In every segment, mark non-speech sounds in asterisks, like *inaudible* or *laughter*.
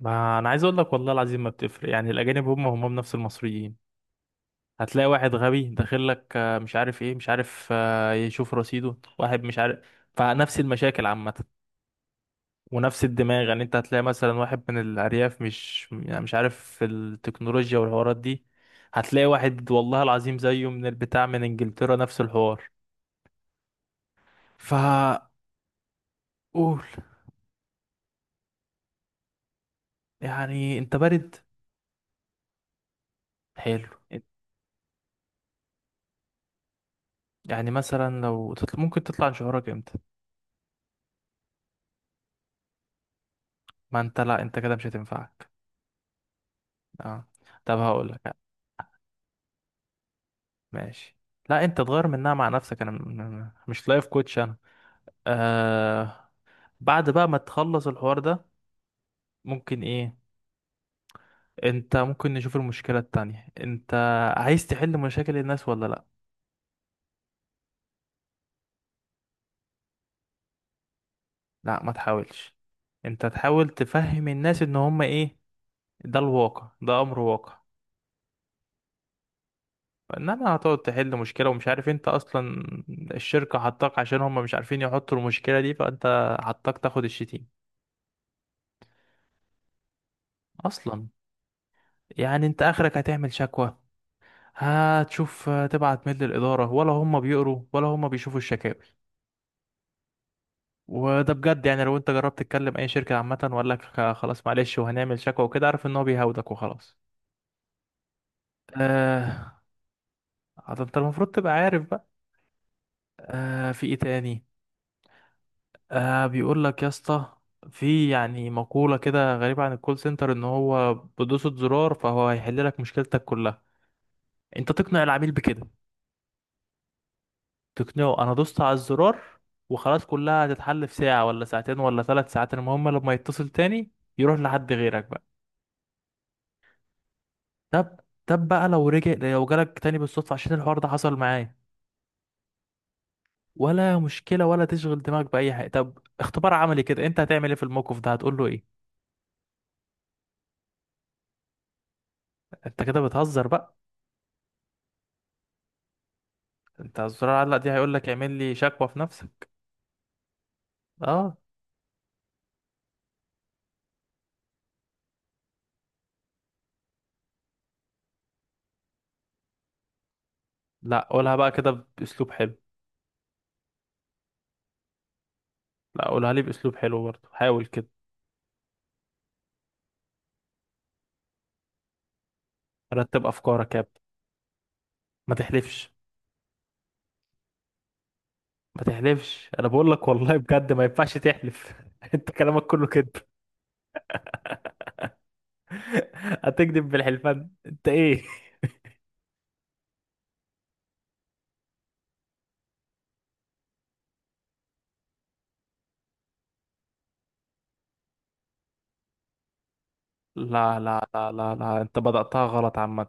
ما انا عايز اقول لك والله العظيم ما بتفرق. يعني الاجانب هم نفس المصريين. هتلاقي واحد غبي داخل لك مش عارف ايه، مش عارف يشوف رصيده واحد مش عارف. فنفس المشاكل عامه، ونفس الدماغ. يعني انت هتلاقي مثلا واحد من الارياف مش، يعني مش عارف في التكنولوجيا والحوارات دي. هتلاقي واحد والله العظيم زيه من البتاع، من انجلترا، نفس الحوار. فقول. يعني انت بارد. حلو. يعني مثلا ممكن تطلع عن شعورك امتى؟ ما انت، لا انت كده مش هتنفعك. اه. طب هقول لك. ماشي. لا انت تغير منها مع نفسك، انا مش لايف كوتش انا. آه. بعد بقى ما تخلص الحوار ده ممكن ايه. انت ممكن نشوف المشكلة التانية. انت عايز تحل مشاكل الناس ولا لا؟ لا ما تحاولش. انت تحاول تفهم الناس ان هم ايه. ده الواقع، ده امر واقع. انما هتقعد تحل مشكلة ومش عارف انت اصلا. الشركة حطاك عشان هم مش عارفين يحطوا المشكلة دي، فانت حطاك تاخد الشتيم. اصلا يعني انت اخرك هتعمل شكوى. هتشوف تبعت ميل للإدارة، ولا هم بيقروا ولا هم بيشوفوا الشكاوي. وده بجد، يعني لو انت جربت تتكلم اي شركة عامة وقال لك خلاص معلش وهنعمل شكوى وكده، عارف ان هو بيهاودك وخلاص. آه. ده انت المفروض تبقى عارف بقى. آه في ايه تاني؟ آه بيقول لك يا اسطى، في يعني مقولة كده غريبة عن الكول سنتر، ان هو بدوسة زرار فهو هيحل لك مشكلتك كلها. انت تقنع العميل بكده. تقنعه انا دوست على الزرار وخلاص، كلها هتتحل في ساعة ولا ساعتين ولا ثلاث ساعات. المهم لما يتصل تاني يروح لحد غيرك بقى. طب، طب بقى لو جالك تاني بالصدفة عشان الحوار ده حصل معايا. ولا مشكلة، ولا تشغل دماغك بأي حاجة. طب اختبار عملي كده، انت هتعمل ايه في الموقف ده؟ هتقول له ايه؟ انت كده بتهزر بقى. انت الزرار علق دي، هيقول لك اعمل لي شكوى في نفسك. اه لا قولها بقى كده بأسلوب حلو. لا قولها لي بأسلوب حلو برضه، حاول كده. رتب أفكارك يا ابني. ما تحلفش. ما تحلفش. انا بقول لك والله بجد ما ينفعش تحلف *laughs* انت كلامك كله كده. *laughs* هتكذب بالحلفان انت ايه؟ *laughs* لا لا لا لا لا، انت بدأتها غلط عامة.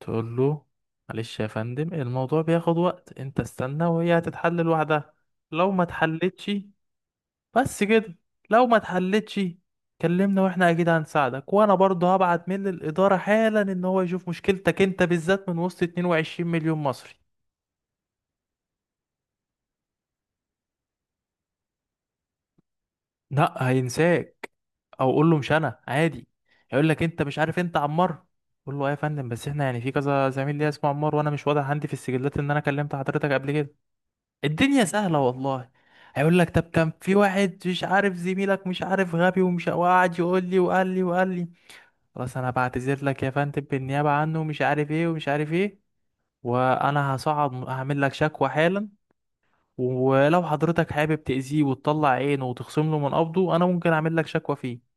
تقول له معلش يا فندم، الموضوع بياخد وقت، انت استنى وهي هتتحل لوحدها. لو ما اتحلتش. بس كده. لو ما اتحلتش كلمنا، واحنا اكيد هنساعدك، وانا برضه هبعت من الإدارة حالا ان هو يشوف مشكلتك انت بالذات من وسط 22 مليون مصري. لا، هينساك. او قول له مش انا، عادي. هيقول لك انت مش عارف، انت عمار. قول له ايه يا فندم، بس احنا يعني في كذا زميل ليا اسمه عمار، وانا مش واضح عندي في السجلات ان انا كلمت حضرتك قبل كده. الدنيا سهله والله. هيقول لك طب كان في واحد مش عارف زميلك، مش عارف غبي، ومش، وقعد يقول لي وقال لي وقال لي. خلاص انا بعتذر لك يا فندم بالنيابه عنه، ومش عارف ايه ومش عارف ايه، وانا هصعد هعمل لك شكوى حالا. ولو حضرتك حابب تأذيه وتطلع عينه وتخصم له من قبضه، انا ممكن اعمل لك شكوى فيه.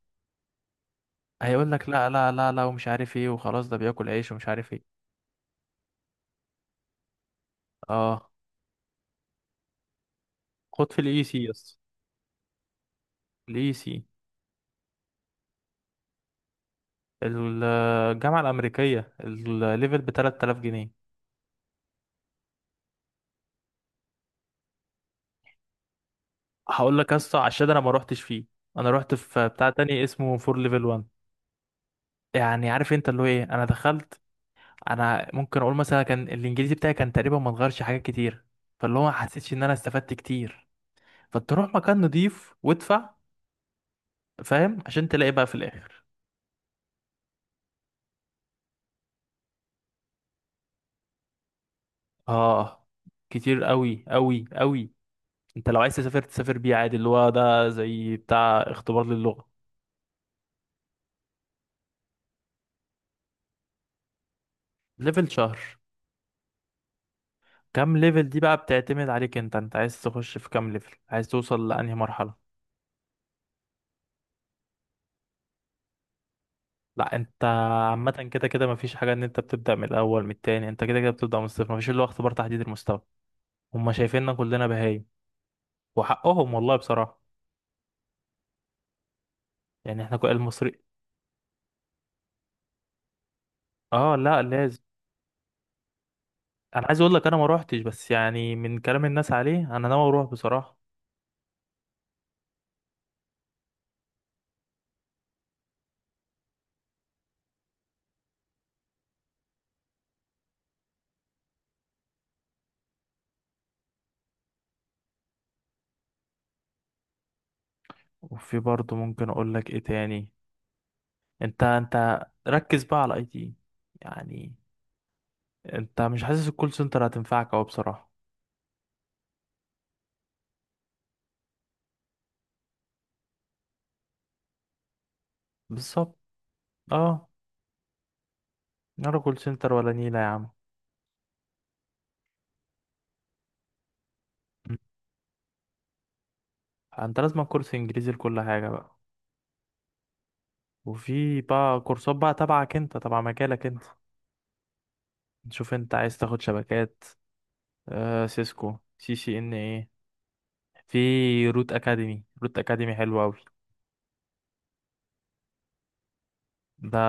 هيقول لك لا لا لا لا، ومش عارف ايه وخلاص، ده بياكل عيش ومش عارف ايه. اه. خد في الاي سي يس. الاي سي. الجامعه الامريكيه، الليفل ب 3000 جنيه. هقول لك يس عشان انا ما روحتش فيه. انا روحت في بتاع تاني اسمه فور ليفل 1. يعني عارف انت اللي هو ايه، انا دخلت. انا ممكن اقول مثلا كان الانجليزي بتاعي كان تقريبا ما اتغيرش حاجات كتير. فاللي هو ما حسيتش ان انا استفدت كتير. فتروح مكان نضيف وادفع. فاهم؟ عشان تلاقي بقى في الاخر. اه. كتير قوي قوي قوي. انت لو عايز تسافر، تسافر بيه عادي، اللي هو ده زي بتاع اختبار للغة. ليفل شهر. كام ليفل دي بقى بتعتمد عليك انت. انت عايز تخش في كام ليفل، عايز توصل لأنهي مرحلة. لا انت، عامة كده كده مفيش حاجة ان انت بتبدأ من الأول من التاني، انت كده كده بتبدأ من الصفر، مفيش اللي هو اختبار تحديد المستوى. هما شايفيننا كلنا بهايم، وحقهم والله بصراحة. يعني احنا كل المصري. اه لا لازم. انا عايز اقول لك انا ما روحتش، بس يعني من كلام الناس عليه انا ناوي اروح بصراحة. وفي برضه ممكن اقول لك ايه تاني. انت ركز بقى على الاي تي. يعني انت مش حاسس الكول سنتر هتنفعك اوي بصراحة؟ بالظبط. اه. ولا كول سنتر ولا نيلة يا عم. مم. انت لازم كورس انجليزي لكل حاجة بقى. وفي بقى كورسات بقى تبعك انت، تبع مجالك انت. تشوف انت عايز تاخد شبكات. آه سيسكو، سي سي ان ايه. في روت اكاديمي. روت اكاديمي حلو اوي. ده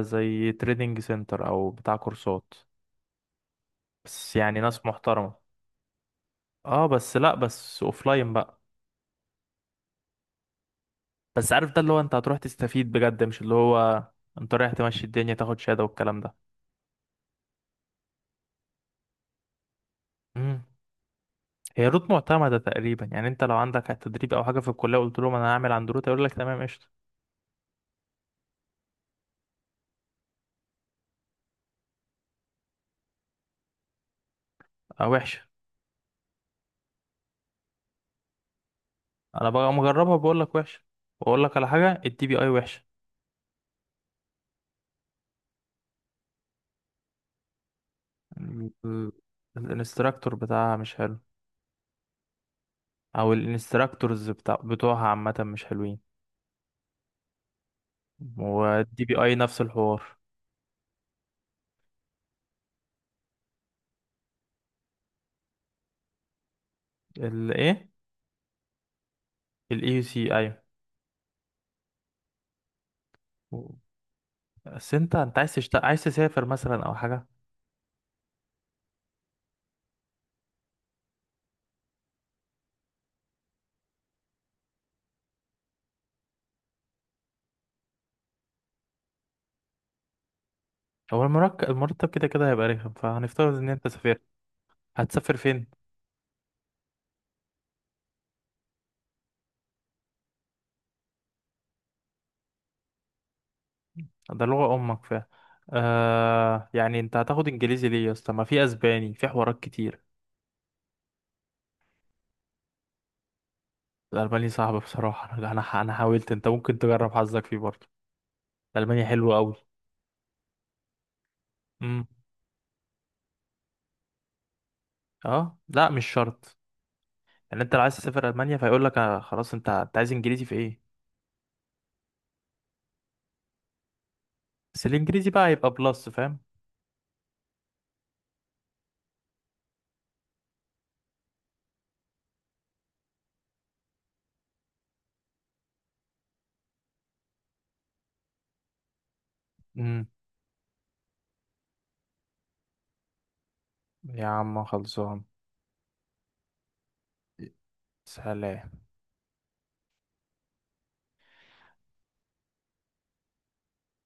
زي تريدنج سنتر، او بتاع كورسات، بس يعني ناس محترمة. اه بس لا، بس اوفلاين بقى. بس عارف، ده اللي هو انت هتروح تستفيد بجد، مش اللي هو انت رايح تمشي الدنيا تاخد شهادة والكلام ده. امم. هي روت معتمدة تقريبا، يعني انت لو عندك تدريب او حاجة في الكلية قلت لهم انا هعمل عند روت، يقول لك تمام قشطة. اه وحشة. انا بقى مجربها بقول لك وحشة. واقول لك على حاجة، الدي بي اي وحشة. ال- ال- الانستراكتور بتاعها مش حلو، او الانستراكتورز بتاع بتوعها عامة مش حلوين. والدي بي اي نفس الحوار. الايه؟ الاي يو سي، ايوه. بس انت عايز عايز تسافر مثلا او حاجة؟ هو المرتب كده كده هيبقى رخم، فهنفترض ان انت سافرت. هتسافر فين؟ ده لغة امك فيها؟ آه يعني انت هتاخد انجليزي ليه يا اسطى؟ ما في اسباني، في حوارات كتير. الالماني صعب بصراحة، انا أنا حاولت. انت ممكن تجرب حظك فيه برضه. المانيا حلوة قوي. امم. اه لا مش شرط. يعني انت لو عايز تسافر المانيا فيقول لك آه خلاص، انت عايز انجليزي في ايه؟ بس الانجليزي بقى هيبقى بلس، فاهم؟ امم. يا عم خلصان. سلام.